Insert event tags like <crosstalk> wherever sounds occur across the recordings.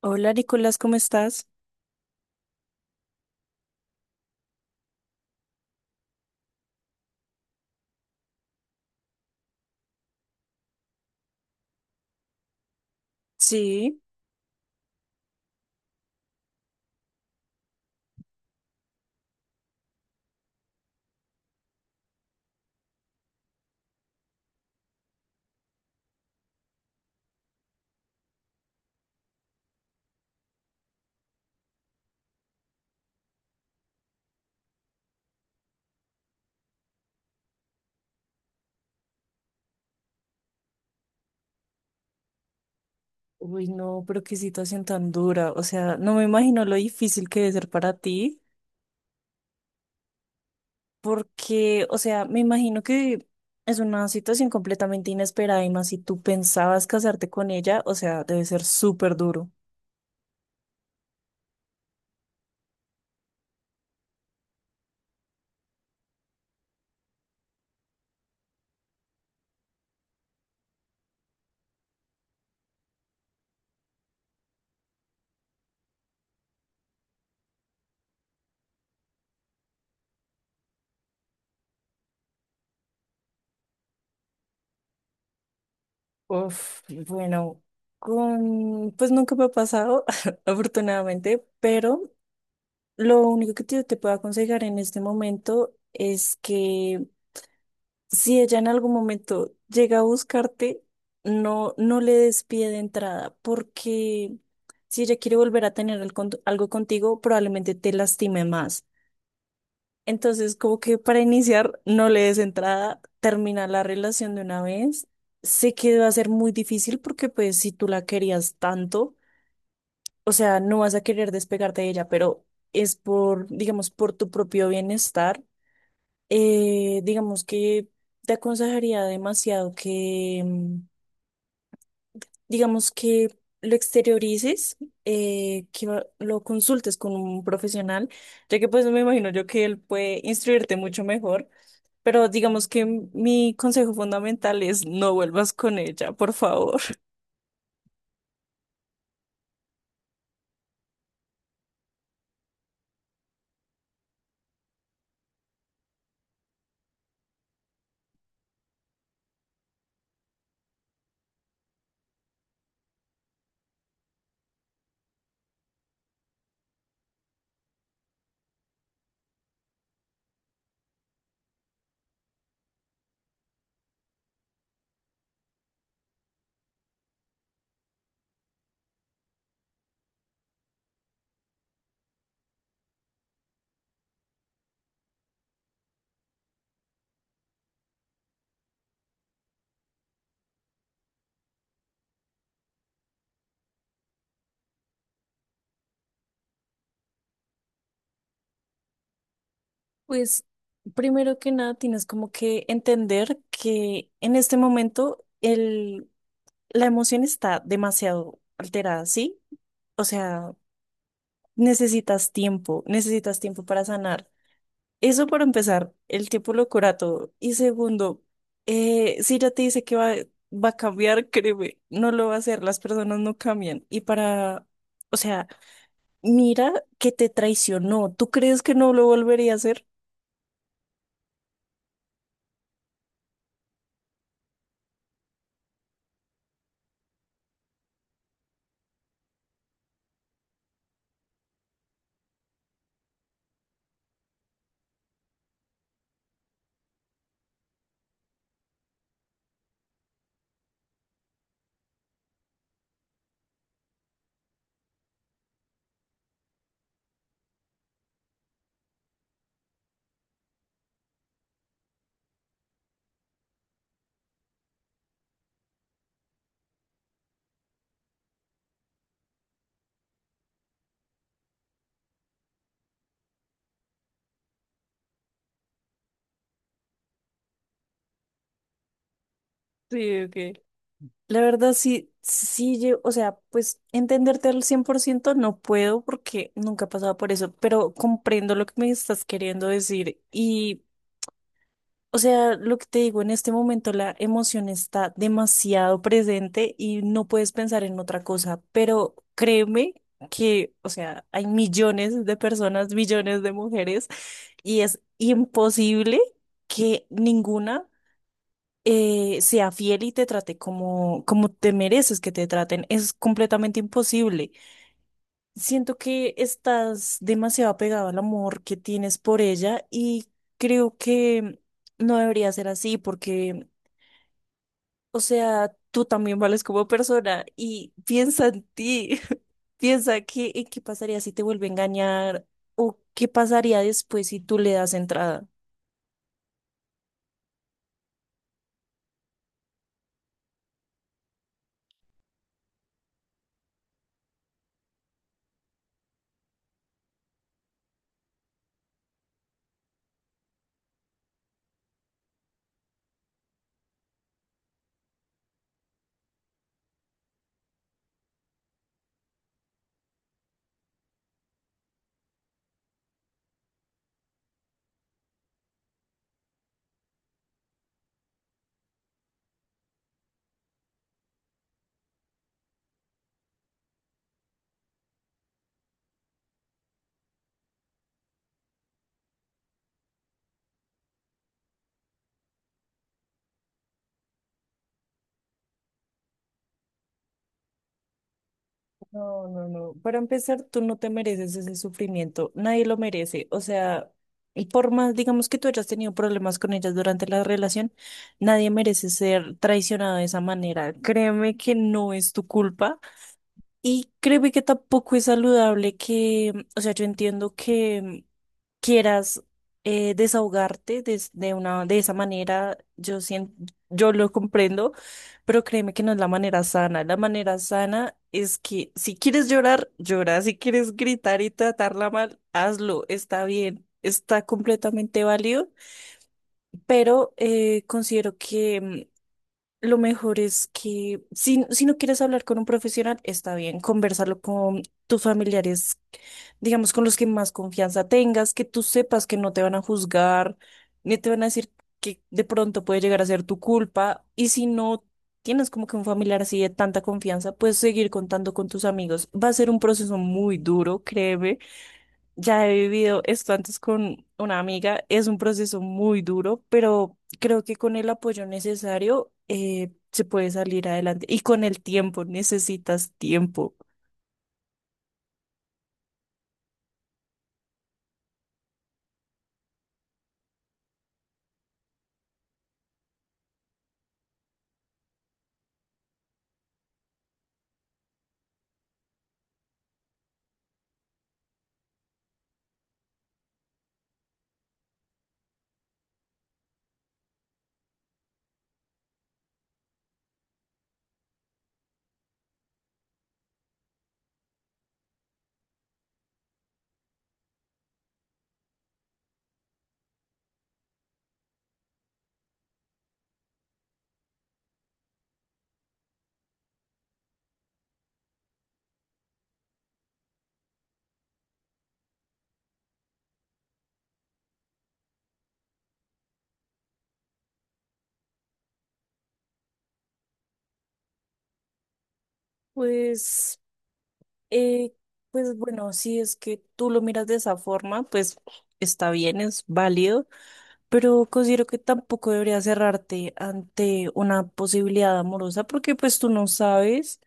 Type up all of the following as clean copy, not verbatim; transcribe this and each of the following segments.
Hola Nicolás, ¿cómo estás? Sí. Uy, no, pero qué situación tan dura. O sea, no me imagino lo difícil que debe ser para ti, porque, o sea, me imagino que es una situación completamente inesperada y más si tú pensabas casarte con ella, o sea, debe ser súper duro. Uf, bueno, con, pues nunca me ha pasado, <laughs> afortunadamente, pero lo único que te puedo aconsejar en este momento es que si ella en algún momento llega a buscarte, no le des pie de entrada, porque si ella quiere volver a tener algo contigo, probablemente te lastime más. Entonces, como que para iniciar, no le des entrada, termina la relación de una vez. Sé que va a ser muy difícil porque pues si tú la querías tanto, o sea, no vas a querer despegarte de ella, pero es por, digamos, por tu propio bienestar, digamos que te aconsejaría demasiado que, digamos que lo exteriorices, que lo consultes con un profesional, ya que pues me imagino yo que él puede instruirte mucho mejor, pero digamos que mi consejo fundamental es no vuelvas con ella, por favor. <laughs> Pues primero que nada tienes como que entender que en este momento la emoción está demasiado alterada, ¿sí? O sea, necesitas tiempo, necesitas tiempo para sanar. Eso para empezar, el tiempo lo cura todo. Y segundo, si ya te dice que va a cambiar, créeme, no lo va a hacer, las personas no cambian. Y para, o sea, mira que te traicionó. ¿Tú crees que no lo volvería a hacer? Sí, ok. La verdad, o sea, pues entenderte al 100% no puedo porque nunca he pasado por eso, pero comprendo lo que me estás queriendo decir. Y. O sea, lo que te digo, en este momento la emoción está demasiado presente y no puedes pensar en otra cosa, pero créeme que, o sea, hay millones de personas, millones de mujeres y es imposible que ninguna sea fiel y te trate como, como te mereces que te traten. Es completamente imposible. Siento que estás demasiado apegado al amor que tienes por ella y creo que no debería ser así porque, o sea, tú también vales como persona y piensa en ti, <laughs> piensa que, en qué pasaría si te vuelve a engañar o qué pasaría después si tú le das entrada. No, no, no. Para empezar, tú no te mereces ese sufrimiento. Nadie lo merece. O sea, y por más, digamos que tú hayas tenido problemas con ellas durante la relación, nadie merece ser traicionado de esa manera. Créeme que no es tu culpa y créeme que tampoco es saludable que, o sea, yo entiendo que quieras, desahogarte de esa manera, yo lo comprendo, pero créeme que no es la manera sana. La manera sana es que si quieres llorar, llora. Si quieres gritar y tratarla mal, hazlo. Está bien, está completamente válido, pero considero que, lo mejor es que si no quieres hablar con un profesional, está bien, conversarlo con tus familiares, digamos, con los que más confianza tengas, que tú sepas que no te van a juzgar, ni te van a decir que de pronto puede llegar a ser tu culpa. Y si no tienes como que un familiar así de tanta confianza, puedes seguir contando con tus amigos. Va a ser un proceso muy duro, créeme, ya he vivido esto antes con una amiga. Es un proceso muy duro, pero creo que con el apoyo necesario, se puede salir adelante. Y con el tiempo, necesitas tiempo. Pues, eh, pues bueno, si es que tú lo miras de esa forma, pues está bien, es válido, pero considero que tampoco deberías cerrarte ante una posibilidad amorosa porque pues tú no sabes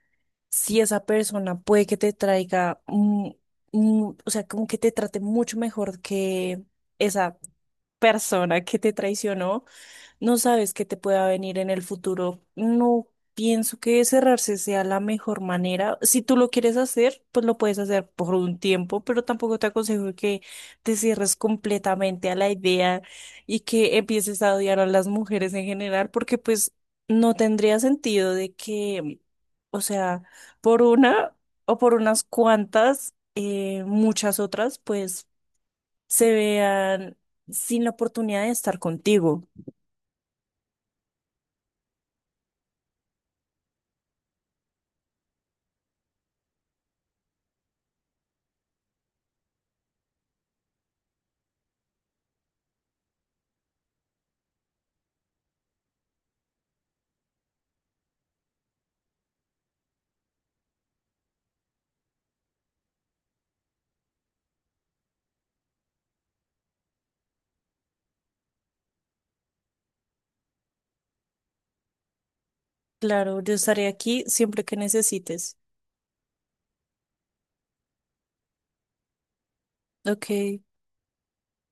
si esa persona puede que te traiga, o sea, como que te trate mucho mejor que esa persona que te traicionó, no sabes qué te pueda venir en el futuro. No pienso que cerrarse sea la mejor manera. Si tú lo quieres hacer, pues lo puedes hacer por un tiempo, pero tampoco te aconsejo que te cierres completamente a la idea y que empieces a odiar a las mujeres en general, porque pues no tendría sentido de que, o sea, por una o por unas cuantas, muchas otras, pues se vean sin la oportunidad de estar contigo. Claro, yo estaré aquí siempre que necesites. Ok,